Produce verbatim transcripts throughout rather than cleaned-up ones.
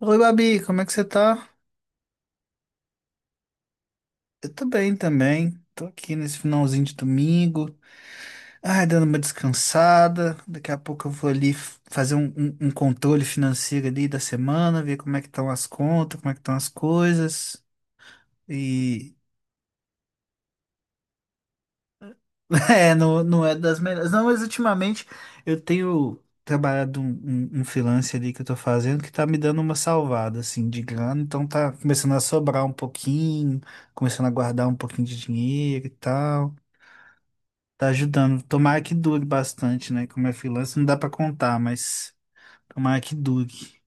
Oi, Babi, como é que você tá? Eu tô bem também. Tô aqui nesse finalzinho de domingo. Ai, dando uma descansada. Daqui a pouco eu vou ali f- fazer um, um- um controle financeiro ali da semana, ver como é que estão as contas, como é que estão as coisas. E é, não, não é das melhores. Não, mas ultimamente eu tenho trabalhado um, um, um freelance ali que eu tô fazendo que tá me dando uma salvada, assim, de grana. Então tá começando a sobrar um pouquinho, começando a guardar um pouquinho de dinheiro e tal. Tá ajudando. Tomara que dure bastante, né? Como é freelancer, não dá pra contar, mas tomara que dure.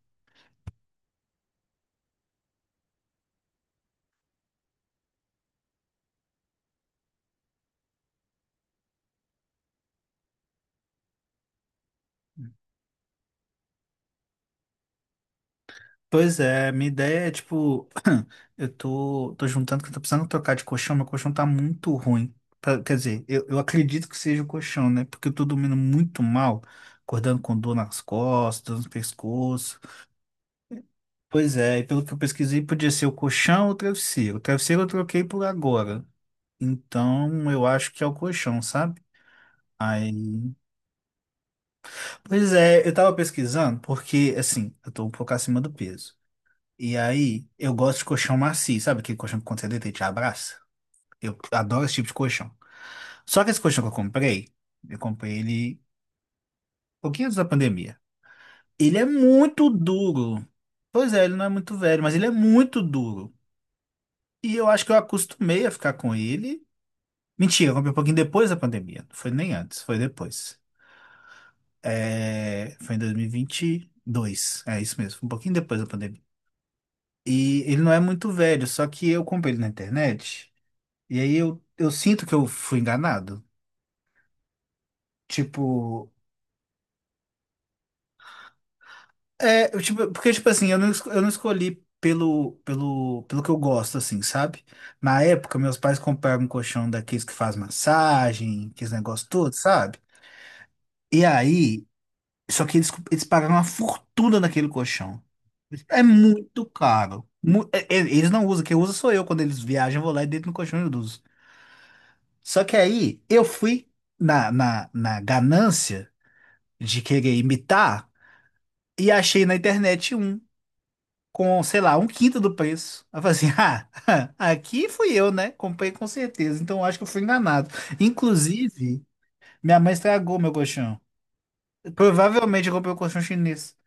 Pois é, minha ideia é tipo, eu tô, tô juntando que eu tô precisando trocar de colchão, meu colchão tá muito ruim. Pra- Quer dizer, eu, eu acredito que seja o colchão, né? Porque eu tô dormindo muito mal, acordando com dor nas costas, no pescoço. Pois é, e pelo que eu pesquisei, podia ser o colchão ou o travesseiro. O travesseiro eu troquei por agora. Então, eu acho que é o colchão, sabe? Aí. Pois é, eu tava pesquisando porque, assim, eu tô um pouco acima do peso. E aí, eu gosto de colchão macio, sabe aquele colchão que quando você deita ele te abraça? Eu adoro esse tipo de colchão. Só que esse colchão que eu comprei, eu comprei ele um pouquinho antes da pandemia. Ele é muito duro. Pois é, ele não é muito velho, mas ele é muito duro. E eu acho que eu acostumei a ficar com ele. Mentira, eu comprei um pouquinho depois da pandemia. Não foi nem antes, foi depois. É, Foi em dois mil e e vinte e dois. É isso mesmo, foi um pouquinho depois da pandemia. E ele não é muito velho, só que eu comprei ele na internet. E aí eu, eu sinto que eu fui enganado. Tipo, é, eu, tipo, porque, tipo assim, eu não, esco- eu não escolhi pelo, pelo, pelo que eu gosto, assim, sabe? Na época, meus pais compraram um colchão daqueles que faz massagem, aqueles negócios todos, sabe? E aí, só que eles, eles pagaram uma fortuna naquele colchão. É muito caro. Mu- é- é- Eles não usam, quem usa sou eu. Quando eles viajam, eu vou lá e deito no colchão e eu uso. Só que aí eu fui na, na, na ganância de querer imitar e achei na internet um com, sei lá, um quinto do preço. Aí Eu falei assim, ah, aqui fui eu, né? Comprei com certeza, então acho que eu fui enganado. Inclusive, minha mãe estragou meu colchão. Provavelmente eu comprei o colchão chinês.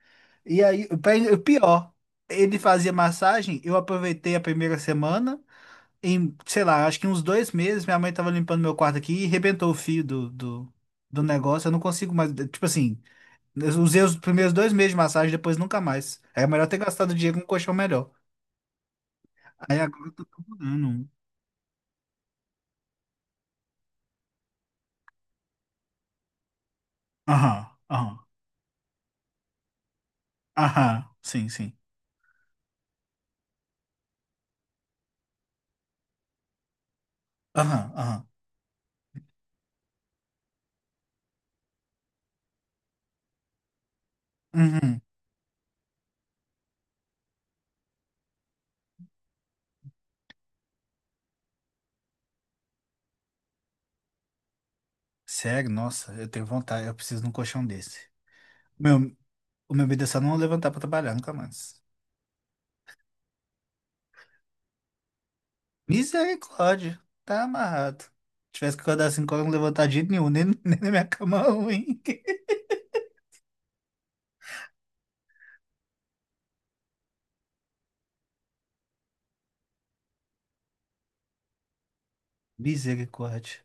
E aí, o pai- o pior, ele fazia massagem, eu aproveitei a primeira semana. Em, sei lá, acho que uns dois meses, minha mãe tava limpando meu quarto aqui e rebentou o fio do, do, do negócio. Eu não consigo mais. Tipo assim, eu usei os primeiros dois meses de massagem, depois nunca mais. É melhor ter gastado dinheiro com um colchão melhor. Aí agora eu tô procurando. um. Aham, aham, aham, sim, sim. Aham, aham. Uhum. Sério, nossa, eu tenho vontade, eu preciso de um colchão desse. Meu, o meu medo é só não levantar pra trabalhar, nunca mais. Misericórdia. Tá amarrado. Tivesse que acordar às 5 horas, não levantar de jeito nenhum, nem, nem na minha cama ruim. Misericórdia.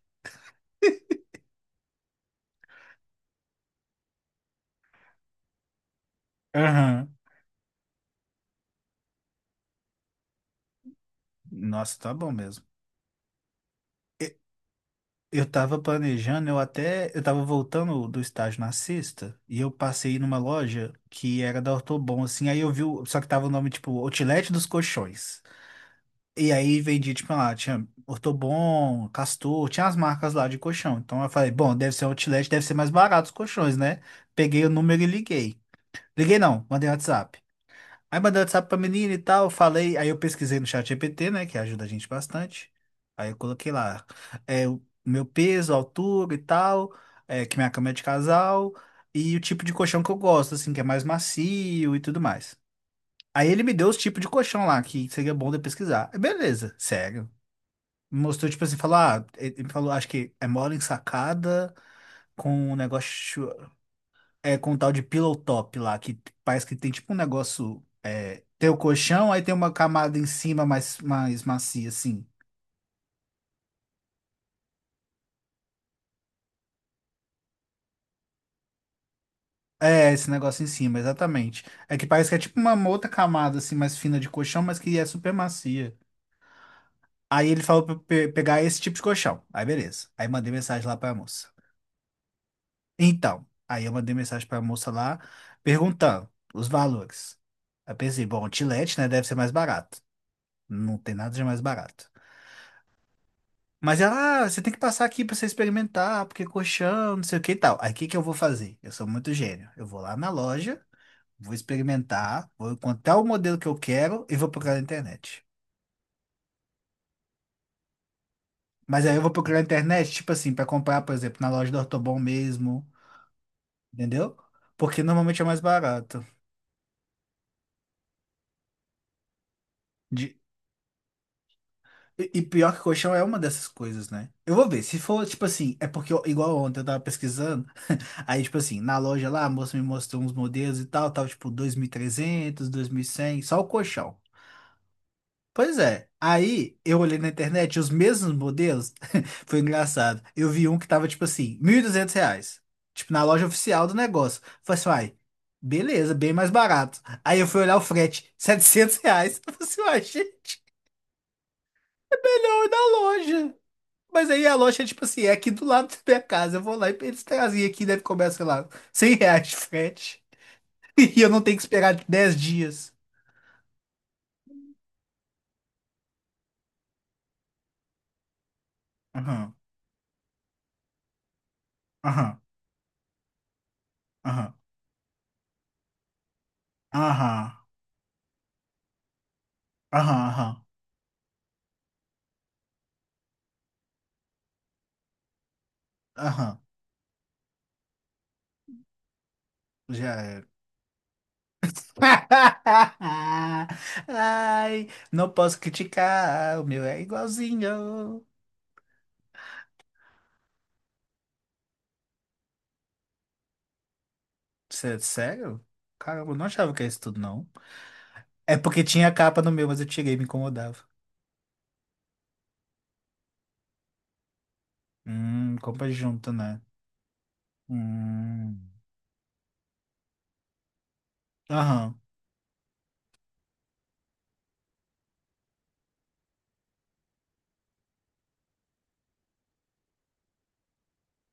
Aham. Nossa, tá bom mesmo. E- Eu tava planejando, eu até. Eu tava voltando do estágio na sexta, e eu passei numa loja que era da Ortobon, assim. Aí eu vi. o- Só que tava o nome, tipo, Outlet dos Colchões. E aí vendia, tipo, lá, tinha Ortobon, Castor, tinha as marcas lá de colchão. Então eu falei, bom, deve ser um Outlet, deve ser mais barato os colchões, né? Peguei o número e liguei. Liguei não, mandei WhatsApp. Aí mandei WhatsApp pra menina e tal, falei, aí eu pesquisei no chat G P T, né, que ajuda a gente bastante. Aí eu coloquei lá, é, o meu peso, altura e tal, é, que minha cama é de casal, e o tipo de colchão que eu gosto, assim, que é mais macio e tudo mais. Aí ele me deu os tipos de colchão lá, que seria bom de eu pesquisar. Beleza, sério. Me Mostrou, tipo assim, falou, ah, ele ele me falou, acho que é mole ensacada, com um negócio é, com um tal de pillow top lá, que parece que tem tipo um negócio. É, tem o colchão, aí tem uma camada em cima mais, mais macia, assim. É, esse negócio em cima, exatamente. É que parece que é tipo uma outra camada, assim, mais fina de colchão, mas que é super macia. Aí ele falou pra eu pe- pegar esse tipo de colchão. Aí beleza. Aí mandei mensagem lá pra moça. Então, aí eu mandei mensagem pra moça lá, perguntando os valores. Aí pensei, bom, o Tilete, né, deve ser mais barato. Não tem nada de mais barato. Mas ela, ah, você tem que passar aqui pra você experimentar, porque é colchão, não sei o que e tal. Aí o que que eu vou fazer? Eu sou muito gênio. Eu vou lá na loja, vou experimentar, vou encontrar o modelo que eu quero e vou procurar na internet. Mas aí eu vou procurar na internet, tipo assim, pra comprar, por exemplo, na loja do Ortobon mesmo, entendeu? Porque normalmente é mais barato. De- E e pior que colchão é uma dessas coisas, né? Eu vou ver, se for, tipo assim, é porque, eu- igual ontem eu tava pesquisando. Aí, tipo assim, na loja lá, a moça me mostrou uns modelos e tal, tal, tipo dois mil e trezentos, dois mil e cem, só o colchão. Pois é. Aí, eu olhei na internet os mesmos modelos, foi engraçado. Eu vi um que tava, tipo assim, mil e duzentos reais. Tipo, na loja oficial do negócio. Falei assim, uai, beleza, bem mais barato. Aí eu fui olhar o frete, setecentos reais. Eu falei assim, uai, gente, melhor ir na loja. Mas aí a loja, tipo assim, é aqui do lado da minha casa. Eu vou lá e eles trazem aqui, deve cobrar, sei lá, cem reais de frete. E eu não tenho que esperar tipo, dez dias. Aham, aham, aham, aham, aham, aham, aham. Já era. Ai, não posso criticar, o meu é igualzinho. Sé- Sério? Caramba, eu não achava que era isso tudo, não. É porque tinha capa no meu, mas eu tirei, me incomodava. Hum, compra junto, né? Hum. Aham.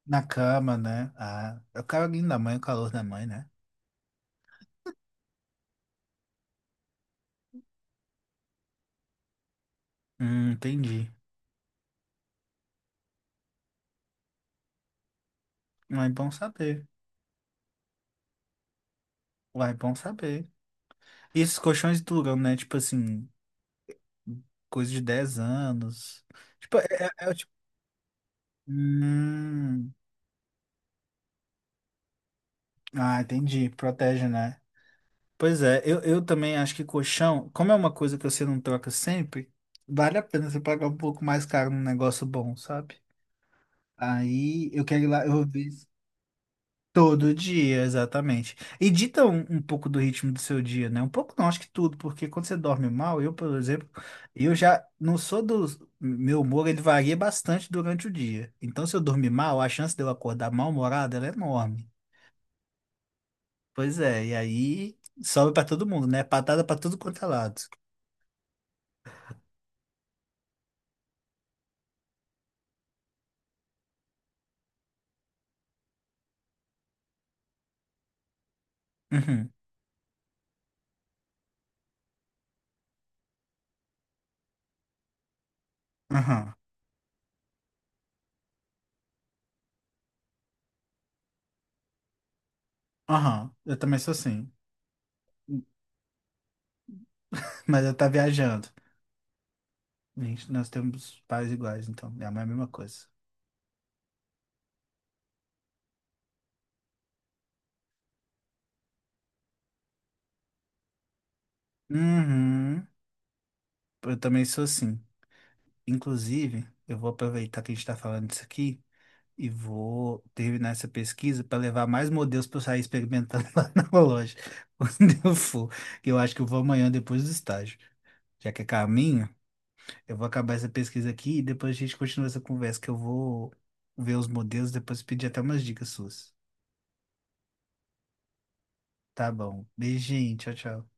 Na cama, né? Ah, é o carinho da mãe, o calor da mãe, né? Hum, entendi. Mas é bom saber. Uai, bom saber. E esses colchões duram, né? Tipo assim, coisa de dez anos. Tipo, é, é- é o tipo. Hum, ah, entendi. Protege, né? Pois é, eu, eu também acho que colchão, como é uma coisa que você não troca sempre, vale a pena você pagar um pouco mais caro num negócio bom, sabe? Aí eu quero ir lá, eu vou ver. Todo dia, exatamente. E dita um, um pouco do ritmo do seu dia, né? Um pouco não, acho que tudo, porque quando você dorme mal, eu, por exemplo, eu já não sou dos. Meu humor, ele varia bastante durante o dia. Então, se eu dormir mal, a chance de eu acordar mal-humorado, ela é enorme. Pois é, e aí sobe pra todo mundo, né? Patada pra tudo quanto é lado. Uhum, aham, aham. Eu também sou assim. Mas eu tá viajando. Gente, nós temos pais iguais, então. É a mesma coisa. Uhum. Eu também sou assim. Inclusive, eu vou aproveitar que a gente está falando disso aqui e vou terminar essa pesquisa para levar mais modelos para eu sair experimentando lá na loja, quando eu for. Que Eu acho que eu vou amanhã depois do estágio. Já que é caminho, eu vou acabar essa pesquisa aqui e depois a gente continua essa conversa, que eu vou ver os modelos, depois pedir até umas dicas suas. Tá bom. Beijinho, tchau, tchau.